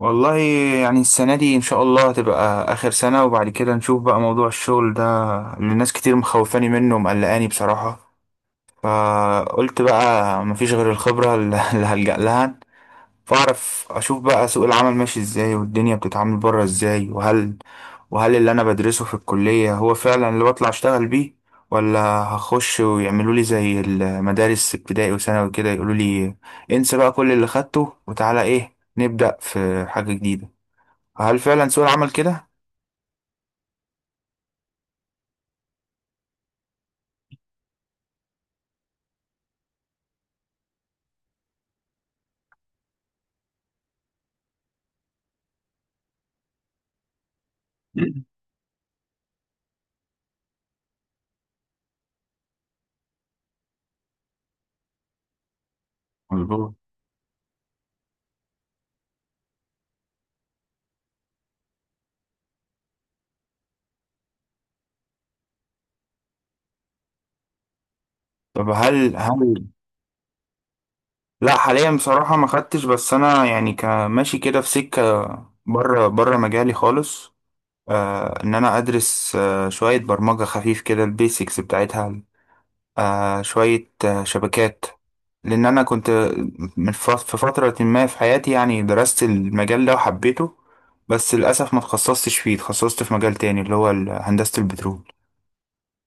والله، يعني السنة دي إن شاء الله هتبقى آخر سنة، وبعد كده نشوف بقى موضوع الشغل ده اللي الناس كتير مخوفاني منه ومقلقاني بصراحة. فقلت بقى مفيش غير الخبرة اللي هلجأ لها. فأعرف أشوف بقى سوق العمل ماشي إزاي، والدنيا بتتعامل بره إزاي، وهل اللي أنا بدرسه في الكلية هو فعلا اللي بطلع أشتغل بيه، ولا هخش ويعملوا لي زي المدارس ابتدائي وثانوي كده يقولوا لي انسى بقى كل اللي خدته وتعالى إيه نبدأ في حاجة جديدة. هل فعلا سوق العمل كده؟ مظبوط. طب هل؟ لا، حاليا بصراحة ما خدتش. بس انا يعني كماشي كده في سكة بره مجالي خالص. ان انا ادرس شوية برمجة خفيف كده، البيسكس بتاعتها، شوية شبكات. لان انا كنت من في فترة ما في حياتي، يعني درست المجال ده وحبيته. بس للأسف ما تخصصتش فيه، تخصصت في مجال تاني اللي هو هندسة البترول.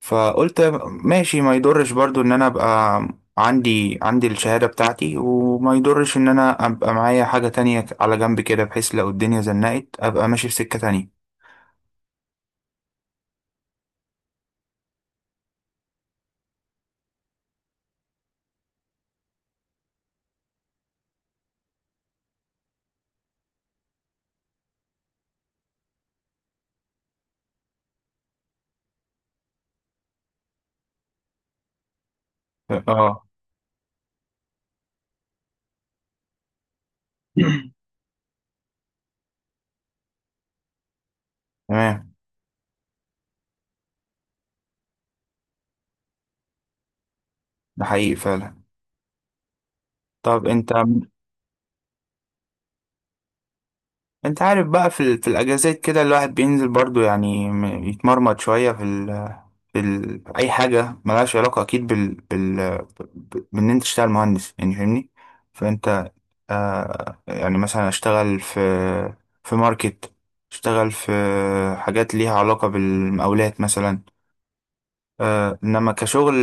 فقلت ماشي ما يضرش برضو ان انا ابقى عندي الشهادة بتاعتي، وما يضرش ان انا ابقى معايا حاجة تانية على جنب كده، بحيث لو الدنيا زنقت ابقى ماشي في سكة تانية. اه، تمام. ده حقيقي فعلا. طب انت، انت عارف بقى في الاجازات كده الواحد بينزل برضو يعني يتمرمط شوية اي حاجة ملهاش علاقة اكيد بان انت تشتغل مهندس، يعني فاهمني. فانت، يعني مثلا اشتغل في ماركت، اشتغل في حاجات ليها علاقة بالمقاولات مثلا. انما كشغل،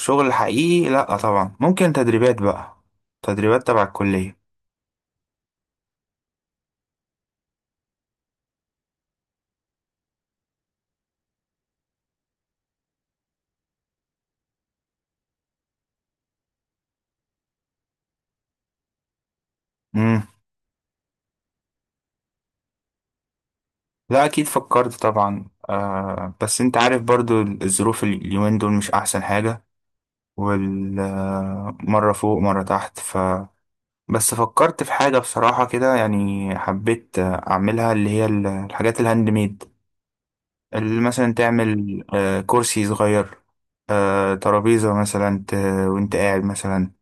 شغل حقيقي لا طبعا. ممكن تدريبات بقى، تدريبات تبع الكلية. مم. لا، اكيد فكرت طبعا. بس انت عارف برضو الظروف اليومين دول مش احسن حاجة، والمرة فوق مرة تحت. بس فكرت في حاجة بصراحة كده، يعني حبيت أعملها، اللي هي الحاجات الهاند ميد، اللي مثلا تعمل كرسي صغير، ترابيزة مثلا، وانت قاعد مثلا،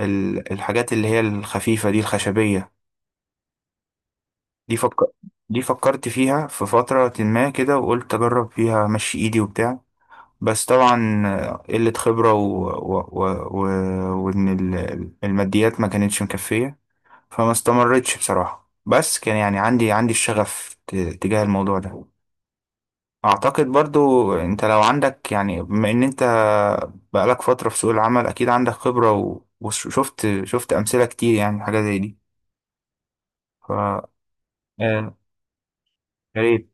الحاجات اللي هي الخفيفة دي الخشبية. دي فك... دي فكرت فيها في فترة ما كده، وقلت أجرب فيها مشي إيدي وبتاع. بس طبعا قلة خبرة و... وإن الماديات ما كانتش مكفية. فما استمرتش بصراحة، بس كان يعني عندي الشغف تجاه الموضوع ده. اعتقد برضو انت لو عندك، يعني بما ان انت بقالك فترة في سوق العمل، اكيد عندك خبرة وشفت امثلة كتير، يعني حاجة زي دي. ف آه، يا ريت.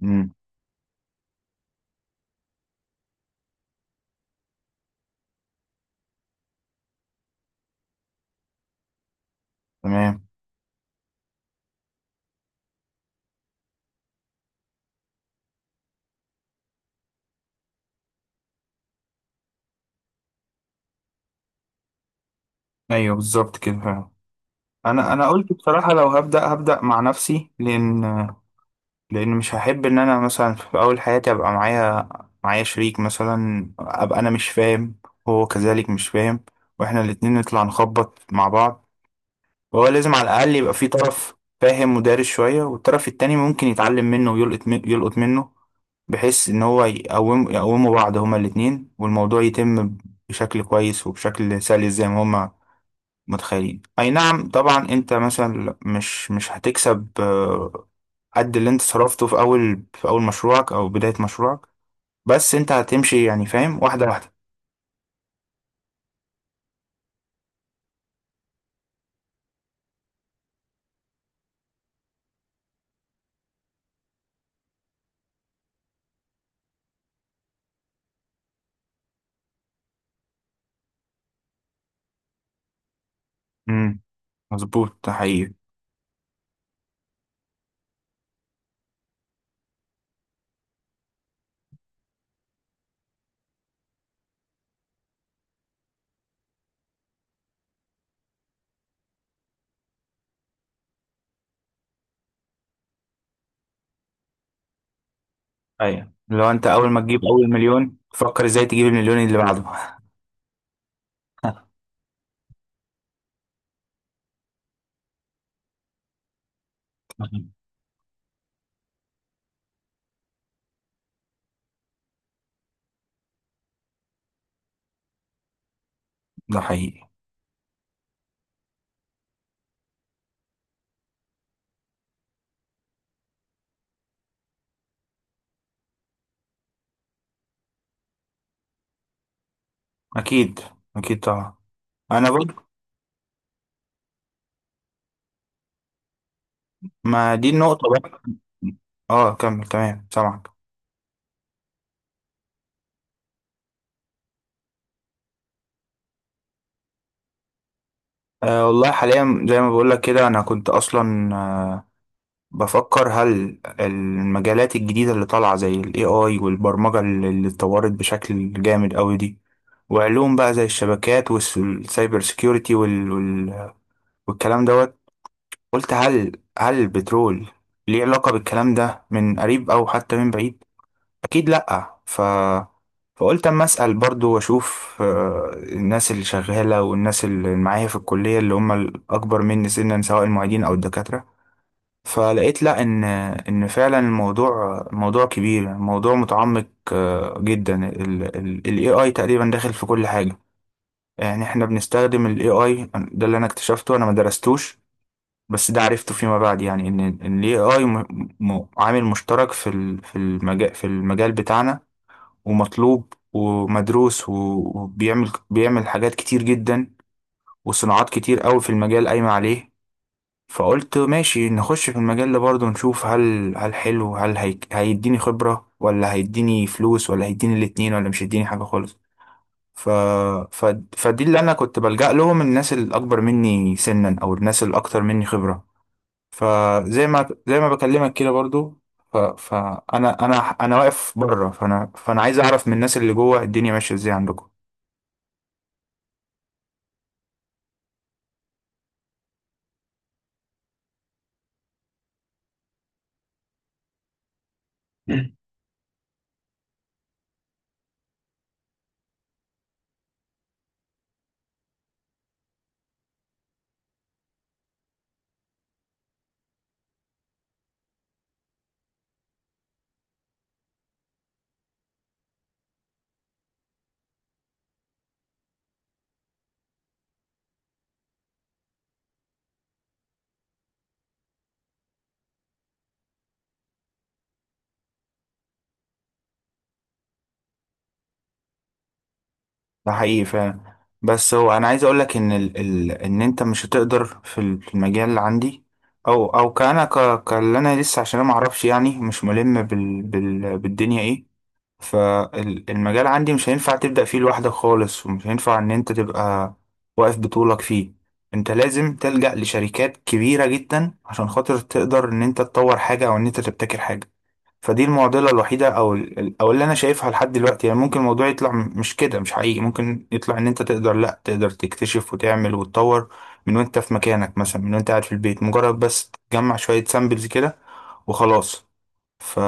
مم. تمام. ايوه، بالظبط كده فعلا. انا قلت بصراحة لو هبدأ، هبدأ مع نفسي. لان مش هحب ان انا مثلا في اول حياتي ابقى معايا شريك مثلا، ابقى انا مش فاهم، هو كذلك مش فاهم، واحنا الاتنين نطلع نخبط مع بعض. وهو لازم على الأقل يبقى في طرف فاهم ودارس شوية، والطرف التاني ممكن يتعلم منه، ويلقط من- يلقط منه، بحيث إن هو يقوموا بعض هما الاتنين، والموضوع يتم بشكل كويس وبشكل سلس زي ما هما متخيلين. أي نعم، طبعا أنت مثلا مش هتكسب قد اللي أنت صرفته في أول، في أول مشروعك أو بداية مشروعك. بس أنت هتمشي، يعني فاهم، واحدة واحدة. امم، مظبوط، ده حقيقي. ايوه، لو انت اول ما تجيب اول مليون فكر ازاي تجيب المليون اللي بعده. ده حقيقي. اكيد، طبعا. انا برضه. ما دي النقطه بقى. اه، كمل، تمام، سامعك. والله حاليا زي ما بقول لك كده، انا كنت اصلا بفكر هل المجالات الجديده اللي طالعه زي الاي اي والبرمجه اللي اتطورت بشكل جامد قوي دي، وعلوم بقى زي الشبكات والسايبر سيكيورتي والكلام دوت. قلت هل البترول ليه علاقه بالكلام ده من قريب او حتى من بعيد؟ اكيد لا. فقلت اما اسال برضو واشوف الناس اللي شغاله والناس اللي معايا في الكليه اللي هم الاكبر مني سنا، سواء المعيدين او الدكاتره. فلقيت لا، ان فعلا الموضوع موضوع كبير، موضوع متعمق جدا. الاي اي تقريبا داخل في كل حاجه. يعني احنا بنستخدم الاي اي ده، اللي انا اكتشفته، انا ما درستوش بس ده عرفته فيما بعد، يعني ان الاي اي عامل مشترك في المجال، بتاعنا. ومطلوب ومدروس، بيعمل حاجات كتير جدا، وصناعات كتير قوي في المجال قايمة عليه. فقلت ماشي نخش في المجال ده برضه نشوف، هل، حلو، هل هي هيديني خبرة ولا هيديني فلوس ولا هيديني الاتنين ولا مش هيديني حاجة خالص. ف... ف... فدي اللي انا كنت بلجأ لهم، الناس الاكبر مني سنا او الناس الاكتر مني خبرة. فزي ما بكلمك كده برضو. فانا انا انا واقف بره، فانا عايز اعرف من الناس اللي جوه الدنيا ماشيه ازاي عندكم. ده حقيقي فعلا. بس هو انا عايز اقول لك ان ان انت مش هتقدر في المجال اللي عندي، او او كاللي انا لسه، عشان انا ما اعرفش يعني، مش ملم بالدنيا ايه. فالمجال عندي مش هينفع تبدأ فيه لوحدك خالص، ومش هينفع ان انت تبقى واقف بطولك فيه. انت لازم تلجأ لشركات كبيرة جدا عشان خاطر تقدر ان انت تطور حاجة او ان انت تبتكر حاجة. فدي المعضلة الوحيدة، او او اللي انا شايفها لحد دلوقتي. يعني ممكن الموضوع يطلع مش كده، مش حقيقي، ممكن يطلع ان انت تقدر، لا تقدر تكتشف وتعمل وتطور من وانت في مكانك مثلا، من وانت قاعد في البيت، مجرد بس تجمع شوية سامبلز كده وخلاص. ف...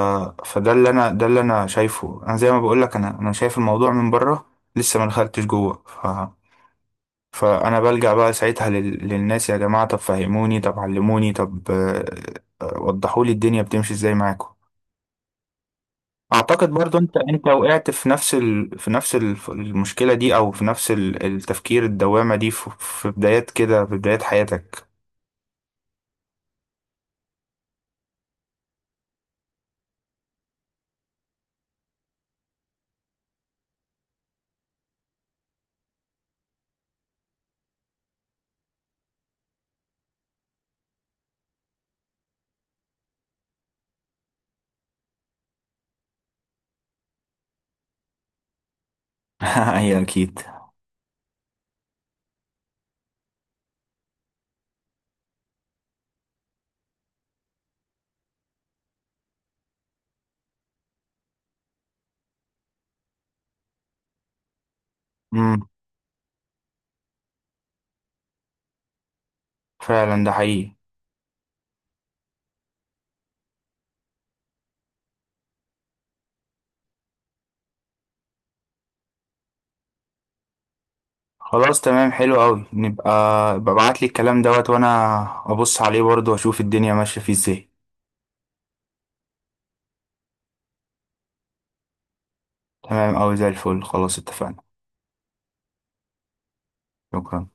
فده اللي انا ده اللي انا شايفه. انا زي ما بقول لك، انا شايف الموضوع من بره، لسه ما دخلتش جوه. فانا بلجأ بقى ساعتها للناس، يا جماعه طب فهموني، طب علموني، طب وضحوا لي الدنيا بتمشي ازاي معاكم. اعتقد برضو انت وقعت في نفس المشكله دي، او في نفس التفكير الدوامه دي في بدايات كده، في بدايات حياتك. هي اكيد. امم، فعلا، ده حقيقي. خلاص تمام، حلو قوي. نبقى ببعت لي الكلام دوت وانا ابص عليه برضه واشوف الدنيا ماشيه فيه ازاي. تمام قوي، زي الفل. خلاص اتفقنا. شكرا.